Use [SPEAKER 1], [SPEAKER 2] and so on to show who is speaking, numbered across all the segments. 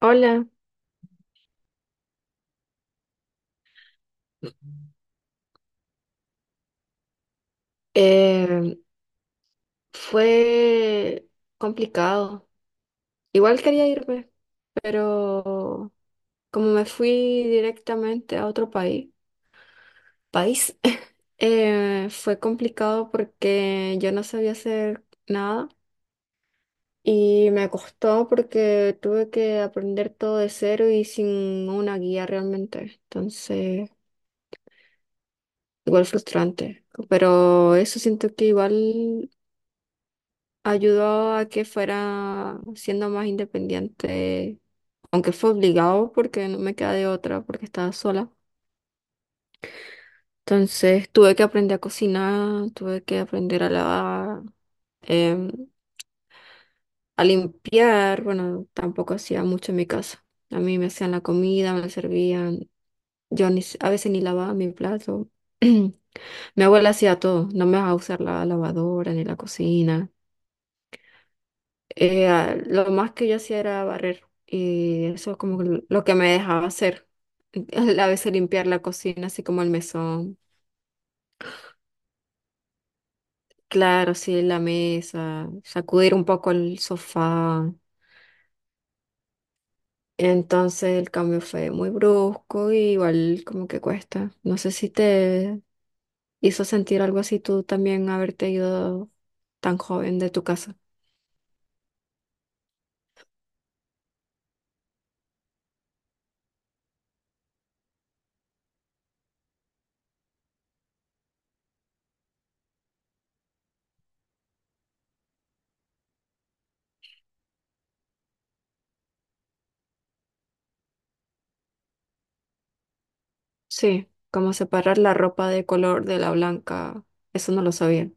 [SPEAKER 1] Hola, eh, fue complicado. Igual quería irme, pero como me fui directamente a otro país, fue complicado porque yo no sabía hacer nada y me costó porque tuve que aprender todo de cero y sin una guía realmente. Entonces, igual frustrante. Pero eso siento que igual ayudó a que fuera siendo más independiente, aunque fue obligado porque no me quedé de otra, porque estaba sola. Entonces tuve que aprender a cocinar, tuve que aprender a lavar, em, a limpiar. Bueno, tampoco hacía mucho en mi casa. A mí me hacían la comida, me la servían. Yo ni, a veces ni lavaba mi plato. Mi abuela hacía todo, no me dejaba usar la lavadora ni la cocina. Lo más que yo hacía era barrer y eso es como que lo que me dejaba hacer. A veces limpiar la cocina, así como el mesón. Claro, sí, la mesa, sacudir un poco el sofá. Entonces el cambio fue muy brusco y igual como que cuesta. No sé si te hizo sentir algo así tú también haberte ido tan joven de tu casa. Sí, como separar la ropa de color de la blanca, eso no lo sabía.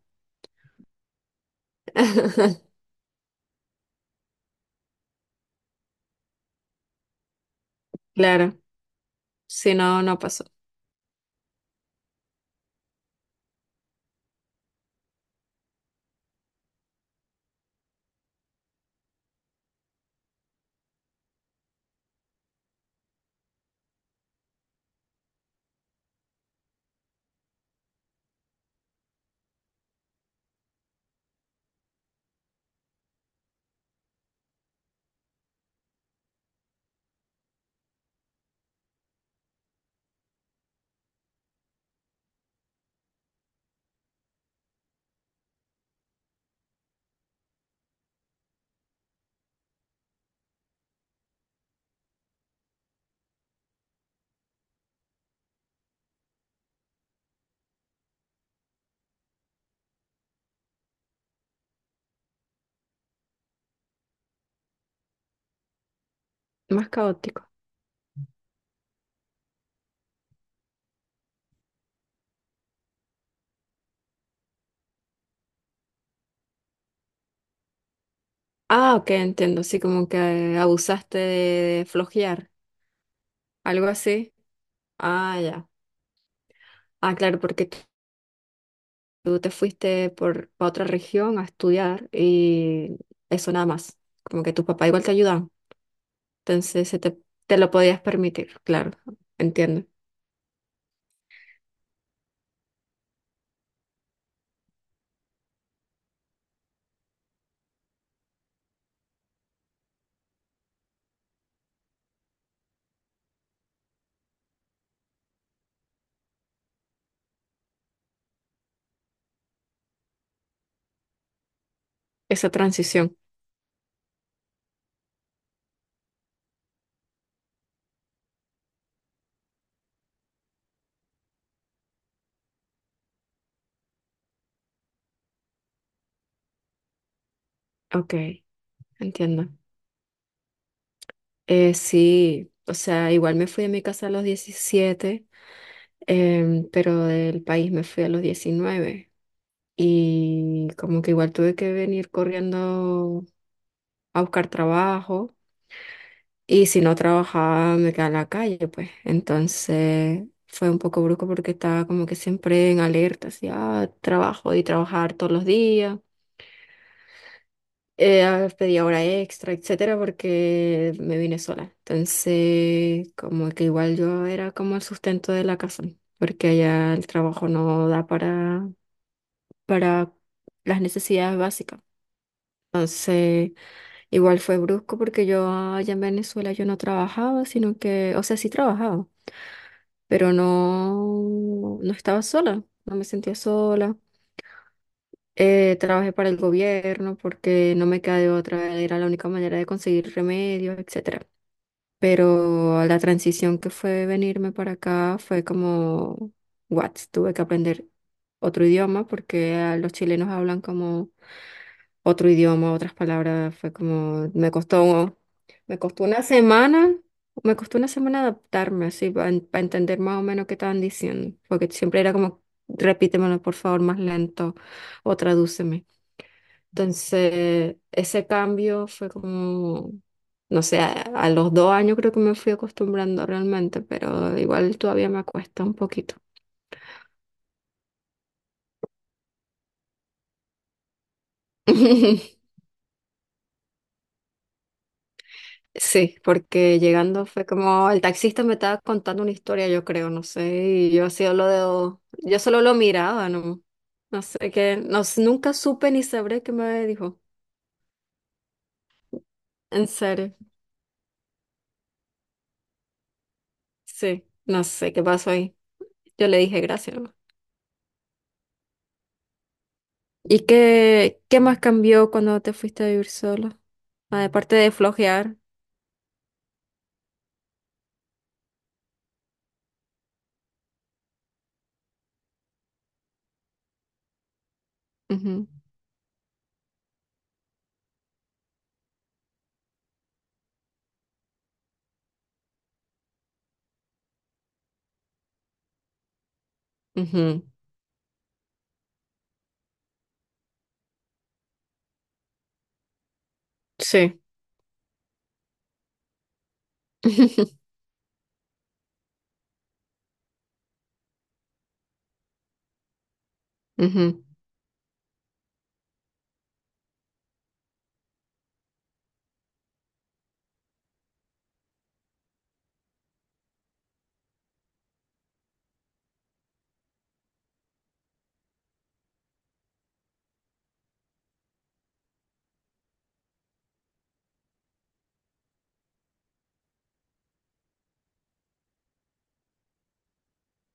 [SPEAKER 1] Claro. Sí, no, no pasó. Más caótico. Ah, ok, entiendo. Sí, como que abusaste de flojear. Algo así. Ah, ya. Ah, claro, porque tú te fuiste por a otra región a estudiar y eso nada más. Como que tus papás igual te ayudaban. Entonces te lo podías permitir. Claro, entiendo. Esa transición. Ok, entiendo. Sí, o sea, igual me fui de mi casa a los 17 pero del país me fui a los 19 y como que igual tuve que venir corriendo a buscar trabajo y si no trabajaba me quedaba en la calle, pues. Entonces fue un poco brusco porque estaba como que siempre en alerta, así, trabajo y trabajar todos los días. Pedía hora extra, etcétera, porque me vine sola. Entonces, como que igual yo era como el sustento de la casa, porque allá el trabajo no da para las necesidades básicas. Entonces, igual fue brusco porque yo allá en Venezuela yo no trabajaba, sino que, o sea, sí trabajaba, pero no, no estaba sola, no me sentía sola. Trabajé para el gobierno porque no me quedaba de otra, era la única manera de conseguir remedios, etcétera. Pero la transición que fue venirme para acá fue como, what, tuve que aprender otro idioma porque a los chilenos hablan como otro idioma, otras palabras, fue como, me costó una semana, me costó una semana adaptarme así, para entender más o menos qué estaban diciendo, porque siempre era como, repítemelo por favor más lento o tradúceme. Entonces, ese cambio fue como, no sé, a los 2 años creo que me fui acostumbrando realmente, pero igual todavía me cuesta un poquito. Sí, porque llegando fue como el taxista me estaba contando una historia, yo creo, no sé, y yo así lo yo solo lo miraba, no, no sé qué, no, nunca supe ni sabré qué me dijo. En serio, sí, no sé qué pasó ahí. Yo le dije gracias, nomás. ¿Y qué más cambió cuando te fuiste a vivir solo? Aparte de flojear. Ujú, ujú, sí. Ujú.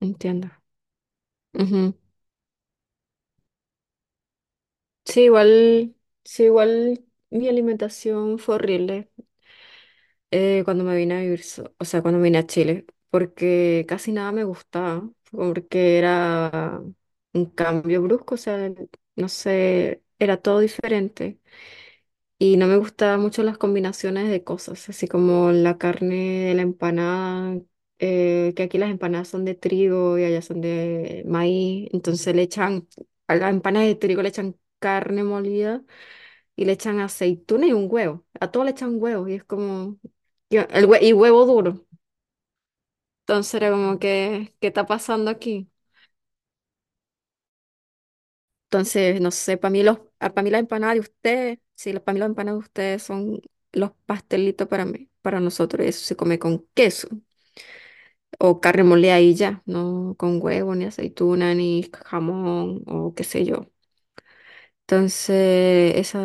[SPEAKER 1] Entiendo. Sí, igual, sí, igual, mi alimentación fue horrible cuando me vine a vivir, o sea, cuando me vine a Chile, porque casi nada me gustaba, porque era un cambio brusco, o sea, no sé, era todo diferente. Y no me gustaban mucho las combinaciones de cosas, así como la carne de la empanada, que aquí las empanadas son de trigo y allá son de maíz, entonces a la empanada de trigo le echan carne molida y le echan aceituna y un huevo. A todo le echan huevo y es como, el y huevo duro. Entonces era como que, ¿qué está pasando aquí? Entonces, no sé, para mí la empanada de ustedes, sí, para mí las empanadas de ustedes son los pastelitos, para mí, para nosotros eso se come con queso o carne molida y ya, no con huevo, ni aceituna, ni jamón o qué sé yo. Entonces, ese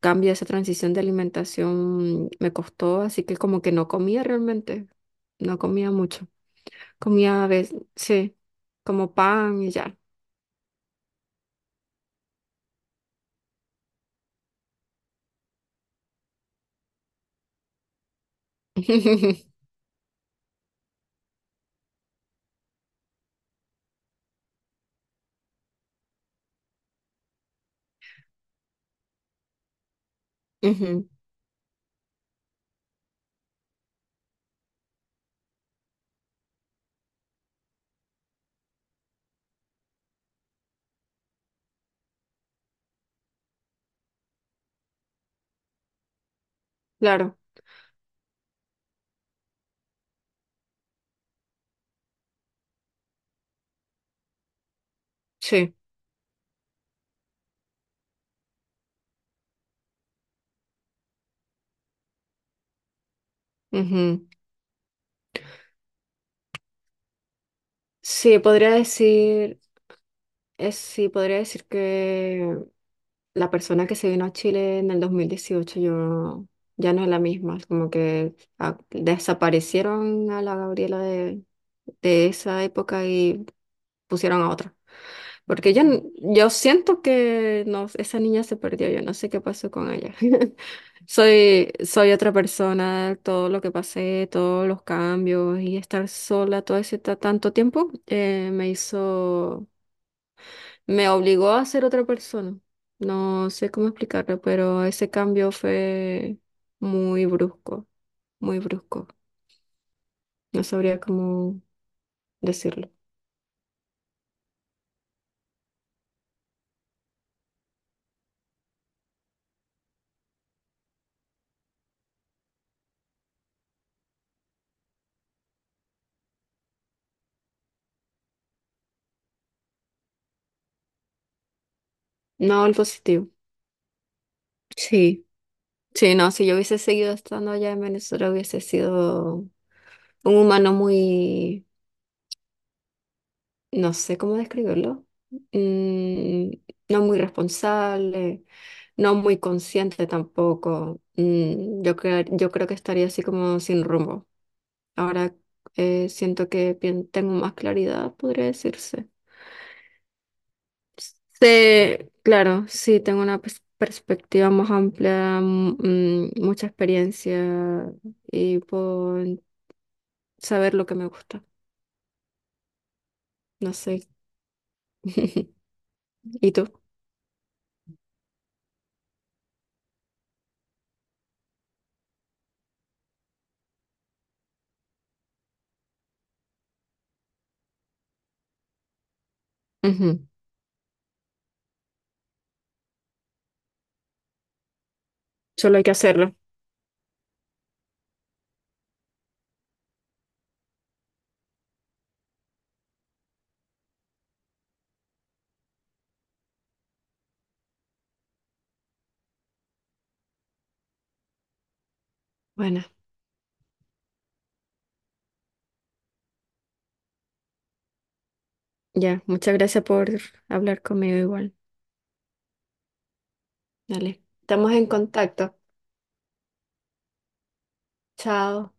[SPEAKER 1] cambio, esa transición de alimentación me costó, así que como que no comía realmente. No comía mucho. Comía a veces, sí, como pan y ya. Ujú. Claro, sí. Ujú. Sí, podría decir, sí, podría decir que la persona que se vino a Chile en el 2018 yo ya no es la misma. Es como que desaparecieron a la Gabriela de esa época y pusieron a otra. Porque yo siento que no, esa niña se perdió, yo no sé qué pasó con ella. Soy otra persona, todo lo que pasé, todos los cambios y estar sola todo ese tanto tiempo me obligó a ser otra persona. No sé cómo explicarlo, pero ese cambio fue muy brusco, muy brusco. No sabría cómo decirlo. No, el positivo. Sí. Sí, no, si yo hubiese seguido estando allá en Venezuela hubiese sido un humano muy, no sé cómo describirlo, mm, no muy responsable, no muy consciente tampoco. Yo creo que estaría así como sin rumbo. Ahora siento que tengo más claridad, podría decirse. Sí, claro, sí, tengo una perspectiva más amplia, mucha experiencia y puedo saber lo que me gusta. No sé. ¿Y tú? Ujú. Solo hay que hacerlo. Bueno, ya. Muchas gracias por hablar conmigo igual. Dale. Estamos en contacto. Chao.